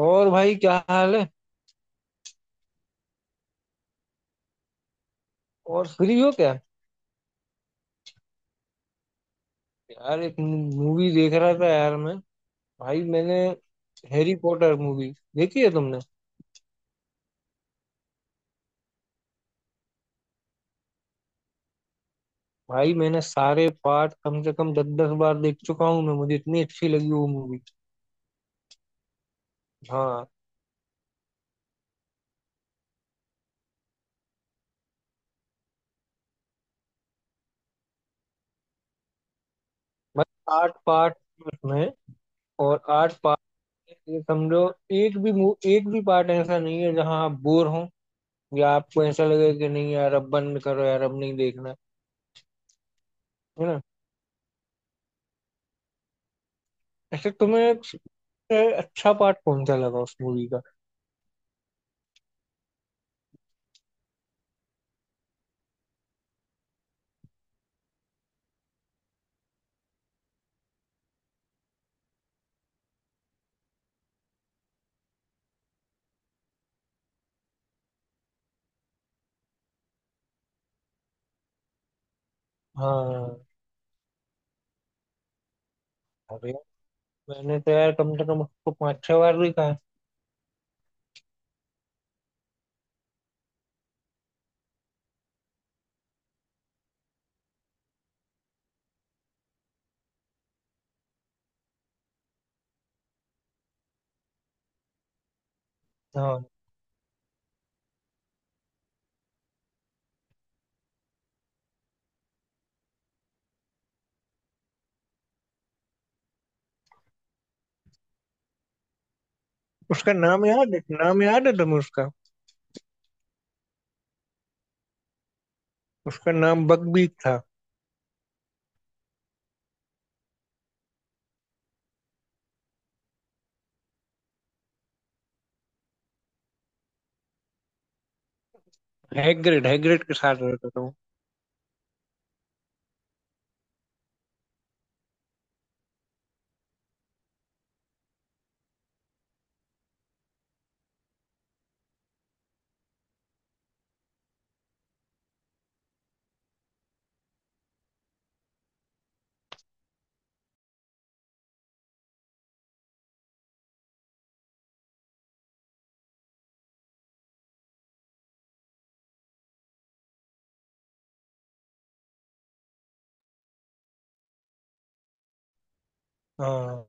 और भाई क्या हाल है। और फ्री हो क्या। यार एक मूवी देख रहा था यार मैं भाई मैंने हैरी पॉटर मूवी देखी है तुमने। भाई मैंने सारे पार्ट कम से कम 10-10 बार देख चुका हूँ मैं मुझे इतनी अच्छी लगी वो मूवी। हाँ। मतलब 8 पार्ट में। और 8 पार्ट ये समझो, एक भी पार्ट ऐसा नहीं है जहाँ आप बोर हो या आपको ऐसा लगे कि नहीं यार अब बंद करो यार अब नहीं देखना। है ना? ऐसे तुम्हें सबसे अच्छा पार्ट कौन सा लगा उस मूवी का। हाँ। अरे मैंने तो यार कम से कम उसको 5-6 बार भी कहा। हाँ। उसका नाम याद है, नाम याद है तुम्हें उसका? उसका नाम बकबीक था। हैग्रिड, हैग्रिड के साथ रहता था वो। हाँ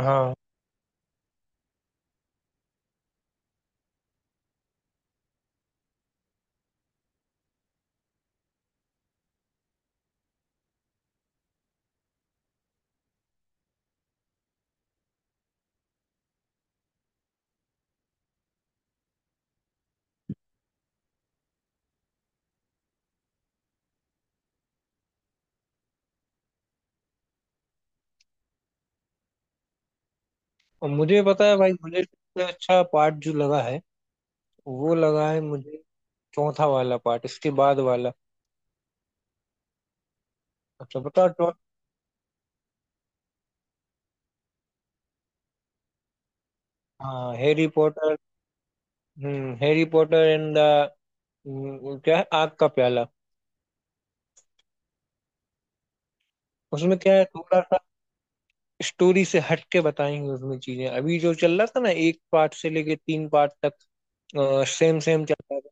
हाँ। और मुझे पता है भाई, मुझे सबसे अच्छा पार्ट जो लगा है वो लगा है मुझे चौथा वाला पार्ट, इसके बाद वाला। अच्छा बताओ तो। हाँ, हैरी पॉटर। हम्म, हैरी पॉटर एंड द क्या है, आग का प्याला। उसमें क्या है, थोड़ा सा स्टोरी से हट के बताएंगे उसमें चीजें। अभी जो चल रहा था ना एक पार्ट से लेके 3 पार्ट तक, सेम सेम चल रहा था,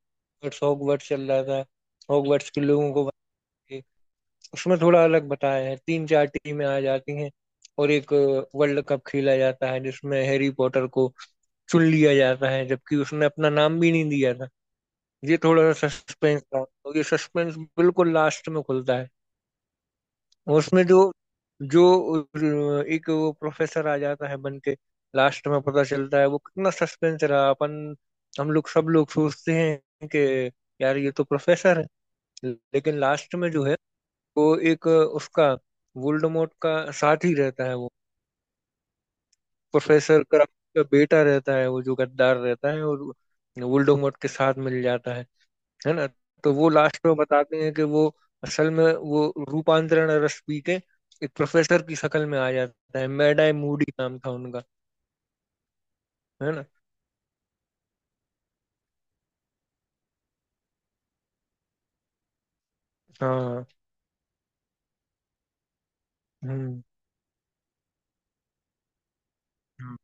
हॉगवर्ट्स हॉगवर्ट्स चल रहा था, हॉगवर्ट्स के लोगों को बताइए। उसमें थोड़ा अलग बताया है, 3-4 टीमें आ जाती हैं और एक वर्ल्ड कप खेला जाता है जिसमें हैरी पॉटर को चुन लिया जाता है जबकि उसने अपना नाम भी नहीं दिया था। ये थोड़ा सा सस्पेंस था और ये सस्पेंस बिल्कुल लास्ट में खुलता है। उसमें जो जो एक वो प्रोफेसर आ जाता है बन के, लास्ट में पता चलता है वो कितना सस्पेंस रहा। अपन हम लोग, सब लोग सोचते हैं कि यार ये तो प्रोफेसर है, लेकिन लास्ट में जो है वो एक उसका वोल्डेमॉर्ट का साथी रहता है वो। प्रोफेसर क्राफ्ट का बेटा रहता है वो, जो गद्दार रहता है और वोल्डेमॉर्ट के साथ मिल जाता है ना। तो वो लास्ट में बताते हैं कि वो असल में वो रूपांतरण रस पी के एक प्रोफेसर की शक्ल में आ जाता है, मैडाई मूडी नाम था उनका, है ना। हाँ। हम्म हम्म।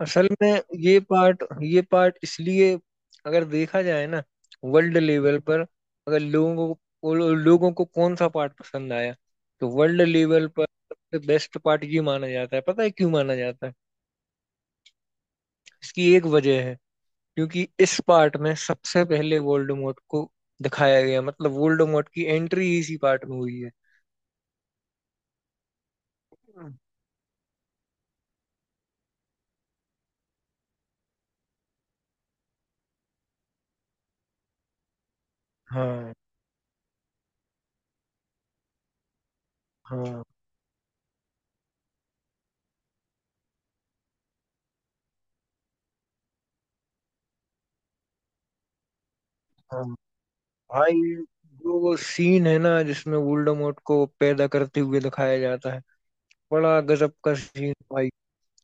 असल में ये पार्ट इसलिए, अगर देखा जाए ना, वर्ल्ड लेवल पर, अगर लोगों को कौन सा पार्ट पसंद आया, तो वर्ल्ड लेवल पर सबसे बेस्ट पार्ट ये माना जाता है। पता है क्यों माना जाता है? इसकी एक वजह है, क्योंकि इस पार्ट में सबसे पहले वोल्डेमॉर्ट को दिखाया गया, मतलब वोल्डेमॉर्ट की एंट्री इसी पार्ट में हुई है। हाँ हाँ हाँ। भाई जो वो सीन है ना जिसमें वोल्डेमॉर्ट को पैदा करते हुए दिखाया जाता है, बड़ा गजब का सीन भाई।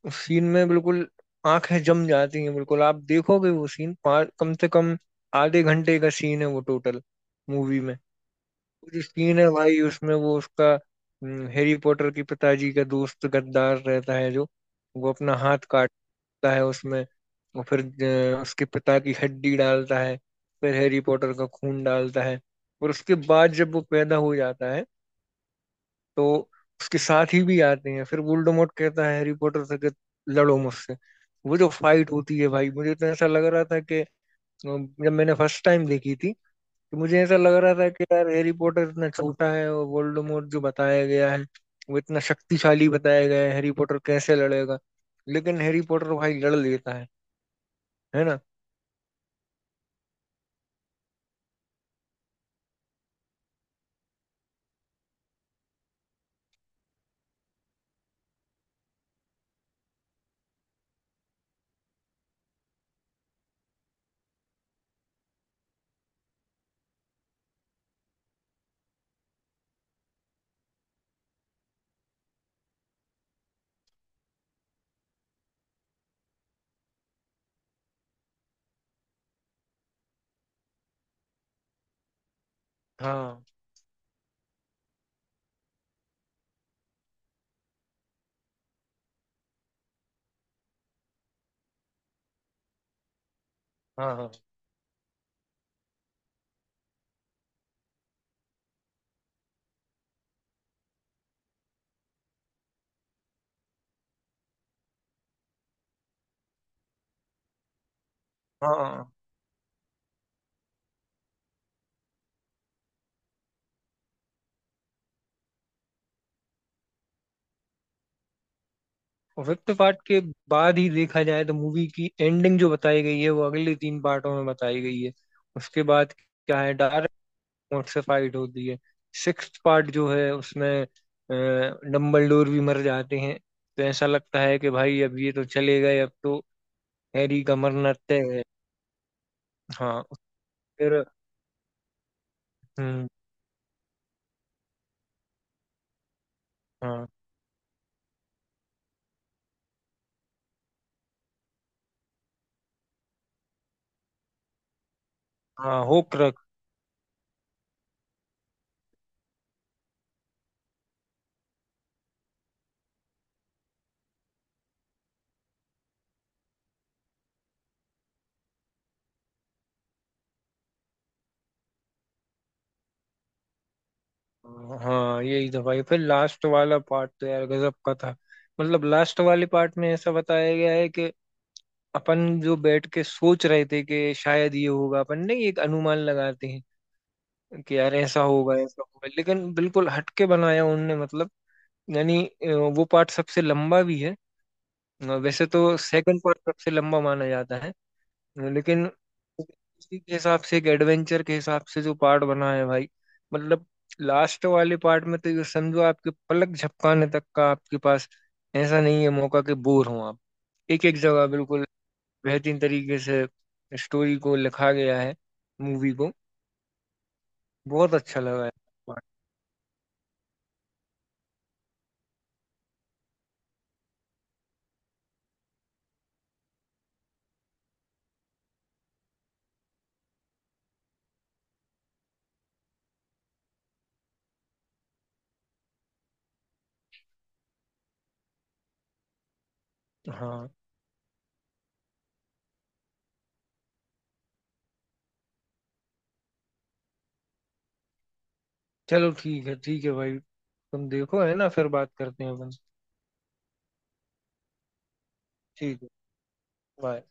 उस सीन में बिल्कुल आंखें जम जाती हैं बिल्कुल, आप देखोगे वो सीन पाँच कम से कम आधे घंटे का सीन है वो, टोटल मूवी में। कुछ सीन है भाई उसमें वो उसका, हैरी पॉटर की पिताजी का दोस्त गद्दार रहता है जो, वो अपना हाथ काटता है उसमें और फिर उसके पिता की हड्डी डालता है, फिर हैरी पॉटर का खून डालता है और उसके बाद जब वो पैदा हो जाता है तो उसके साथ ही भी आते हैं। फिर वोल्डेमॉर्ट कहता है हैरी पॉटर से कि लड़ो मुझसे। वो जो फाइट होती है भाई, मुझे तो ऐसा लग रहा था कि जब मैंने फर्स्ट टाइम देखी थी, कि मुझे ऐसा लग रहा था कि यार हैरी पॉटर इतना छोटा है और वोल्डेमॉर्ट जो बताया गया है वो इतना शक्तिशाली बताया गया है, हैरी पॉटर कैसे लड़ेगा। लेकिन हैरी पॉटर भाई लड़ लेता है ना। हाँ हाँ हाँ हाँ। और फिफ्थ पार्ट के बाद ही देखा जाए तो मूवी की एंडिंग जो बताई गई है वो अगले 3 पार्टों में बताई गई है उसके बाद। क्या है, डार्क मोड से फाइट होती है। सिक्स्थ पार्ट जो है उसमें डम्बलडोर भी मर जाते हैं, तो ऐसा लगता है कि भाई अब ये तो चले गए, अब तो हैरी गमरनते है। हाँ। फिर। हम्म। हाँ हाँ। होक्रक। हाँ यही था भाई, फिर लास्ट वाला पार्ट तो यार गजब का था। मतलब लास्ट वाले पार्ट में ऐसा बताया गया है कि अपन जो बैठ के सोच रहे थे कि शायद ये होगा, अपन नहीं एक अनुमान लगाते हैं कि यार ऐसा होगा ऐसा होगा, लेकिन बिल्कुल हटके बनाया उनने। मतलब यानी, वो पार्ट सबसे लंबा भी है। वैसे तो सेकंड पार्ट सबसे लंबा माना जाता है, लेकिन उसी के हिसाब से, एक एडवेंचर के हिसाब से जो पार्ट बना है भाई, मतलब लास्ट वाले पार्ट में तो ये समझो आपके पलक झपकाने तक का आपके पास ऐसा नहीं है मौका कि बोर हो आप। एक एक जगह बिल्कुल बेहतरीन तरीके से स्टोरी को लिखा गया है, मूवी को। बहुत अच्छा लगा है part। हाँ। चलो ठीक है, ठीक है भाई। तुम देखो, है ना, फिर बात करते हैं अपन। ठीक है। bye।